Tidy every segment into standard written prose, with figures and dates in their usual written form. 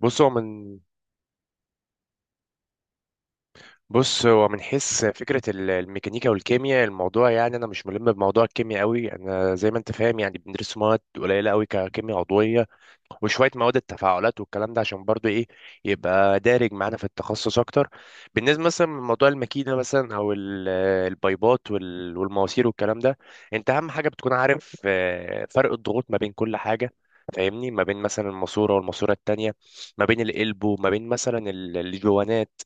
بص هو من بص هو من حيث فكرة الميكانيكا والكيمياء الموضوع يعني أنا مش ملم بموضوع الكيمياء قوي، أنا زي ما أنت فاهم يعني بندرس مواد قليلة قوي ككيمياء عضوية وشوية مواد التفاعلات والكلام ده عشان برضو إيه، يبقى دارج معانا في التخصص أكتر. بالنسبة مثلا لموضوع الماكينة مثلا أو البايبات والمواسير والكلام ده، أنت أهم حاجة بتكون عارف فرق الضغوط ما بين كل حاجة، فاهمني، ما بين مثلا الماسورة والماسورة التانية، ما بين القلب وما بين مثلا الجوانات.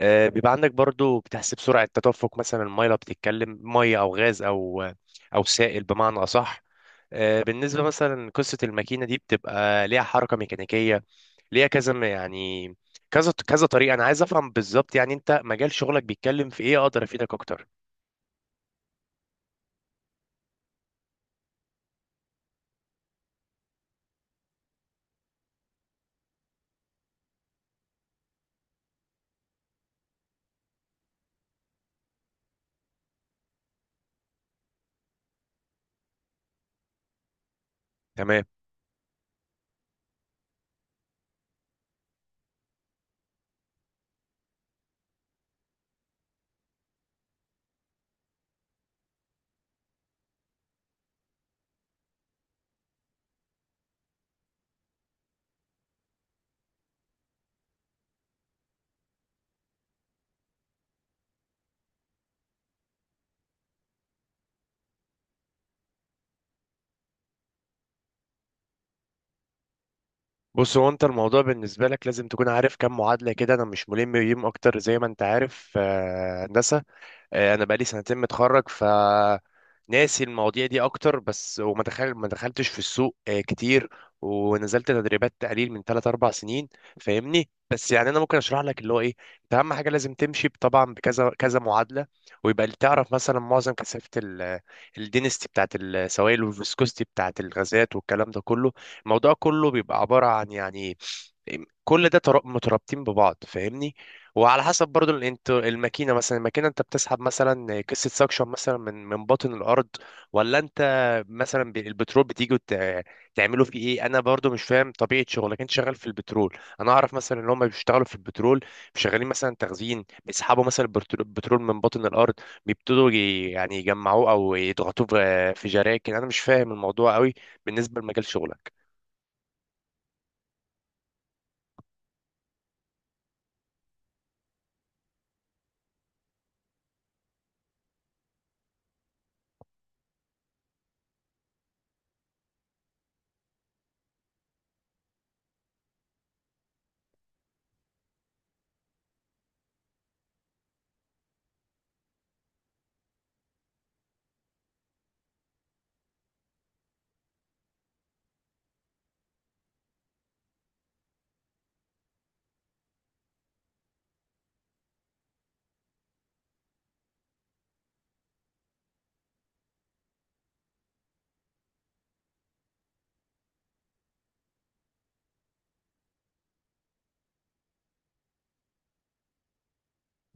بيبقى عندك برضو بتحسب سرعة تدفق مثلا المية، لو بتتكلم مية أو غاز أو أو سائل بمعنى أصح. بالنسبة مثلا قصة الماكينة دي بتبقى ليها حركة ميكانيكية، ليها يعني كذا كذا طريقة. أنا عايز أفهم بالظبط يعني أنت مجال شغلك بيتكلم في إيه أقدر أفيدك أكتر. تمام. بص هو أنت الموضوع بالنسبة لك لازم تكون عارف كم معادلة كده، أنا مش ملم بيهم أكتر زي ما أنت عارف، هندسة. انا بقالي 2 سنين متخرج ف ناسي المواضيع دي اكتر، بس وما دخل ما دخلتش في السوق كتير، ونزلت تدريبات تقليل من 3 4 سنين. فاهمني، بس يعني انا ممكن اشرح لك اللي هو ايه. انت اهم حاجه لازم تمشي طبعا بكذا كذا معادله، ويبقى اللي تعرف مثلا معظم كثافه الدينستي بتاعت السوائل والفيسكوستي بتاعت الغازات والكلام ده كله. الموضوع كله بيبقى عباره عن يعني كل ده مترابطين ببعض، فاهمني. وعلى حسب برضو ال- انت الماكينه مثلا الماكينه انت بتسحب مثلا قصه سكشن مثلا من باطن الارض، ولا انت مثلا البترول بتيجي تعملوا فيه ايه. انا برضو مش فاهم طبيعه شغلك، انت شغال في البترول. انا اعرف مثلا ان هم بيشتغلوا في البترول، شغالين مثلا تخزين، بيسحبوا مثلا البترول من باطن الارض، بيبتدوا يعني يجمعوه او يضغطوه في جراكن. انا مش فاهم الموضوع قوي بالنسبه لمجال شغلك.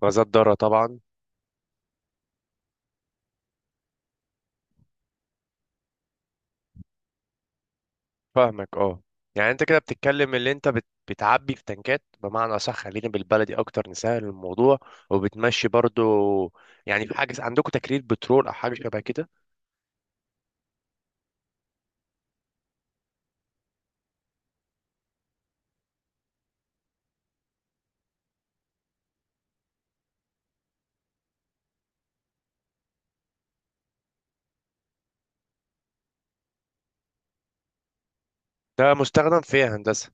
غازات ضاره طبعا. فاهمك اه. يعني انت كده بتتكلم اللي انت بتعبي في تنكات بمعنى صح، خلينا بالبلدي اكتر نسهل الموضوع، وبتمشي برضو. يعني في حاجه عندكم تكرير بترول او حاجه شبه كده؟ ده مستخدم في هندسه.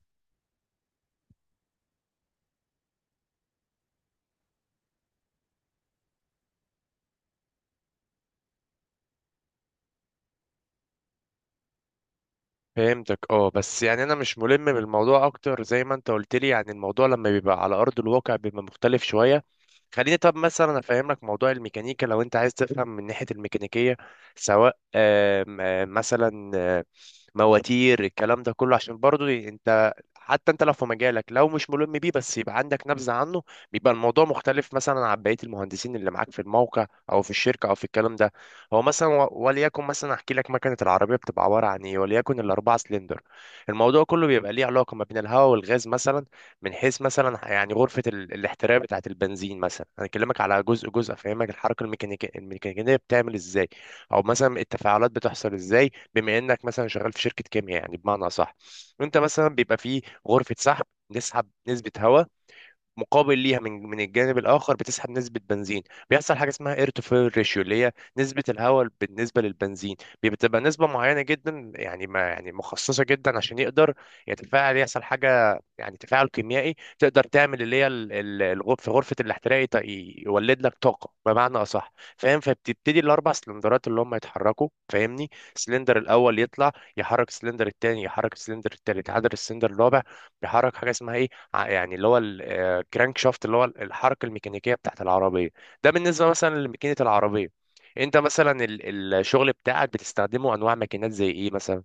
فهمتك اه، بس يعني انا مش ملم بالموضوع اكتر زي ما انت قلت لي، يعني الموضوع لما بيبقى على ارض الواقع بيبقى مختلف شويه. خليني طب مثلا افهمك موضوع الميكانيكا لو انت عايز تفهم من ناحيه الميكانيكيه، سواء آم، آم، مثلا آم، مواتير الكلام ده كله، عشان برضو انت حتى انت لو في مجالك لو مش ملم بيه بس يبقى عندك نبذه عنه، بيبقى الموضوع مختلف مثلا عن بقيه المهندسين اللي معاك في الموقع او في الشركه او في الكلام ده. هو مثلا وليكن مثلا احكي لك مكنه العربيه بتبقى عباره عن ايه، وليكن الاربعه سلندر. الموضوع كله بيبقى ليه علاقه ما بين الهواء والغاز مثلا، من حيث مثلا يعني غرفه الاحتراق بتاعه البنزين مثلا. انا اكلمك على جزء جزء افهمك الحركه الميكانيكيه، الميكانيكيه بتعمل ازاي، او مثلا التفاعلات بتحصل ازاي، بما انك مثلا شغال في شركه كيمياء يعني بمعنى صح. انت مثلا بيبقى في غرفه سحب نسحب نسبة هواء، مقابل ليها من الجانب الاخر بتسحب نسبه بنزين، بيحصل حاجه اسمها اير تو فويل ريشيو اللي هي نسبه الهواء بالنسبه للبنزين. بتبقى نسبه معينه جدا، يعني ما يعني مخصصه جدا عشان يقدر يتفاعل، يحصل حاجه يعني تفاعل كيميائي تقدر تعمل اللي هي الغرف في غرفه الاحتراق يولد لك طاقه بمعنى اصح، فاهم. فبتبتدي الاربع سلندرات اللي هم يتحركوا فاهمني، السلندر الاول يطلع يحرك السلندر الثاني، يحرك السلندر الثالث، عدد السلندر الرابع بيحرك حاجه اسمها ايه، يعني اللي هو الكرانك شافت اللي هو الحركه الميكانيكيه بتاعت العربيه. ده بالنسبه مثلا لماكينه العربيه. انت مثلا الشغل بتاعك بتستخدمه انواع ماكينات زي ايه مثلا؟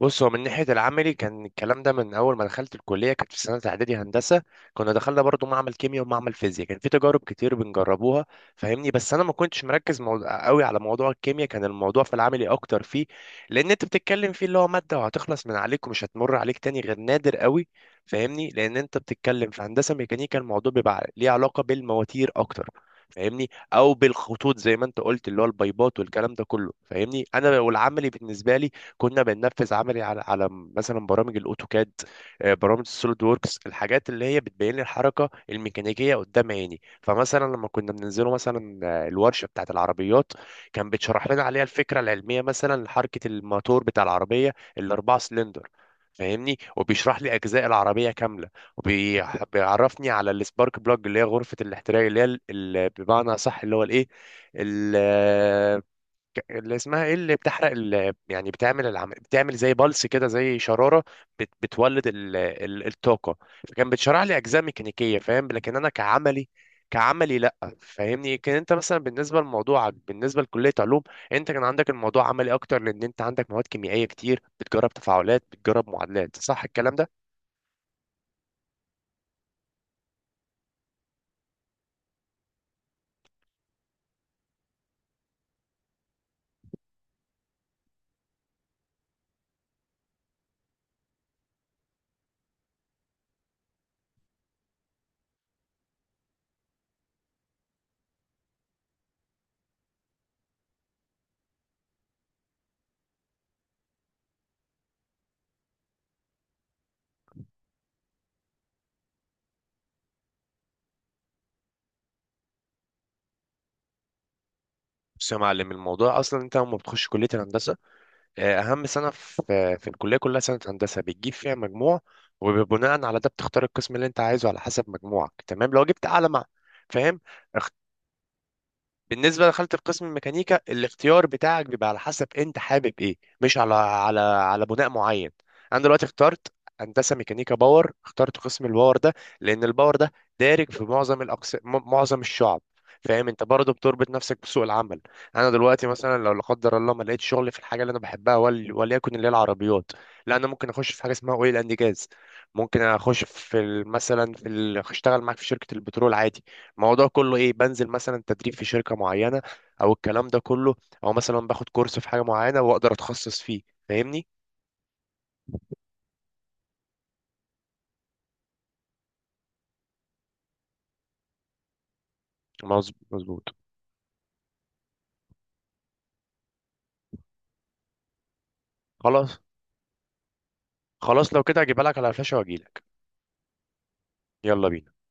بص هو من ناحية العملي كان الكلام ده من أول ما دخلت الكلية كانت في سنة إعدادي هندسة، كنا دخلنا برضو معمل كيمياء ومعمل فيزياء، كان في تجارب كتير بنجربوها فاهمني، بس أنا ما كنتش مركز موضوع قوي على موضوع الكيمياء، كان الموضوع في العملي أكتر فيه. لأن أنت بتتكلم فيه اللي هو مادة وهتخلص من عليك ومش هتمر عليك تاني غير نادر قوي، فاهمني، لأن أنت بتتكلم في هندسة ميكانيكا الموضوع بيبقى ليه علاقة بالمواتير أكتر، فاهمني، او بالخطوط زي ما انت قلت اللي هو البايبات والكلام ده كله، فاهمني. انا والعملي بالنسبه لي كنا بننفذ عملي على مثلا برامج الاوتوكاد، برامج السوليد ووركس، الحاجات اللي هي بتبين لي الحركه الميكانيكيه قدام عيني. فمثلا لما كنا بننزله مثلا الورشه بتاعه العربيات، كان بيتشرح لنا عليها الفكره العلميه مثلا لحركه الموتور بتاع العربيه الاربعه سلندر، فاهمني، وبيشرح لي اجزاء العربيه كامله، وبيعرفني على السبارك بلاج اللي هي غرفه الاحتراق اللي هي بمعنى صح اللي هو الايه، اللي اسمها ايه، اللي بتحرق يعني بتعمل بتعمل زي بلس كده زي شراره، بتولد الطاقه. فكان بتشرح لي اجزاء ميكانيكيه فاهم، لكن انا كعملي، كعملي لا. فاهمني، كان انت مثلا بالنسبه لموضوعك بالنسبه لكليه علوم، انت كان عندك الموضوع عملي اكتر، لان انت عندك مواد كيميائيه كتير بتجرب تفاعلات، بتجرب معادلات، صح الكلام ده؟ بص يا معلم الموضوع اصلا انت لما بتخش كليه الهندسه، اهم سنه في الكليه كلها سنه هندسه بتجيب فيها مجموع، وبناء على ده بتختار القسم اللي انت عايزه على حسب مجموعك. تمام لو جبت اعلى مع فاهم. بالنسبه لخانه القسم الميكانيكا، الاختيار بتاعك بيبقى على حسب انت حابب ايه، مش على بناء معين. انا دلوقتي اخترت هندسه ميكانيكا باور، اخترت قسم الباور ده لان الباور ده دارج في معظم الاقسام، معظم الشعب، فاهم. انت برضه بتربط نفسك بسوق العمل. انا دلوقتي مثلا لو لا قدر الله ما لقيتش شغل في الحاجه اللي انا بحبها وليكن اللي هي العربيات، لا انا ممكن اخش في حاجه اسمها اويل اند جاز، ممكن اخش في اشتغل معاك في شركه البترول عادي. الموضوع كله ايه، بنزل مثلا تدريب في شركة معينة او الكلام ده كله، او مثلا باخد كورس في حاجة معينة واقدر اتخصص فيه، فاهمني. مظبوط. خلاص، خلاص لو كده هجيبها لك على فلاشة واجيلك. يلا بينا.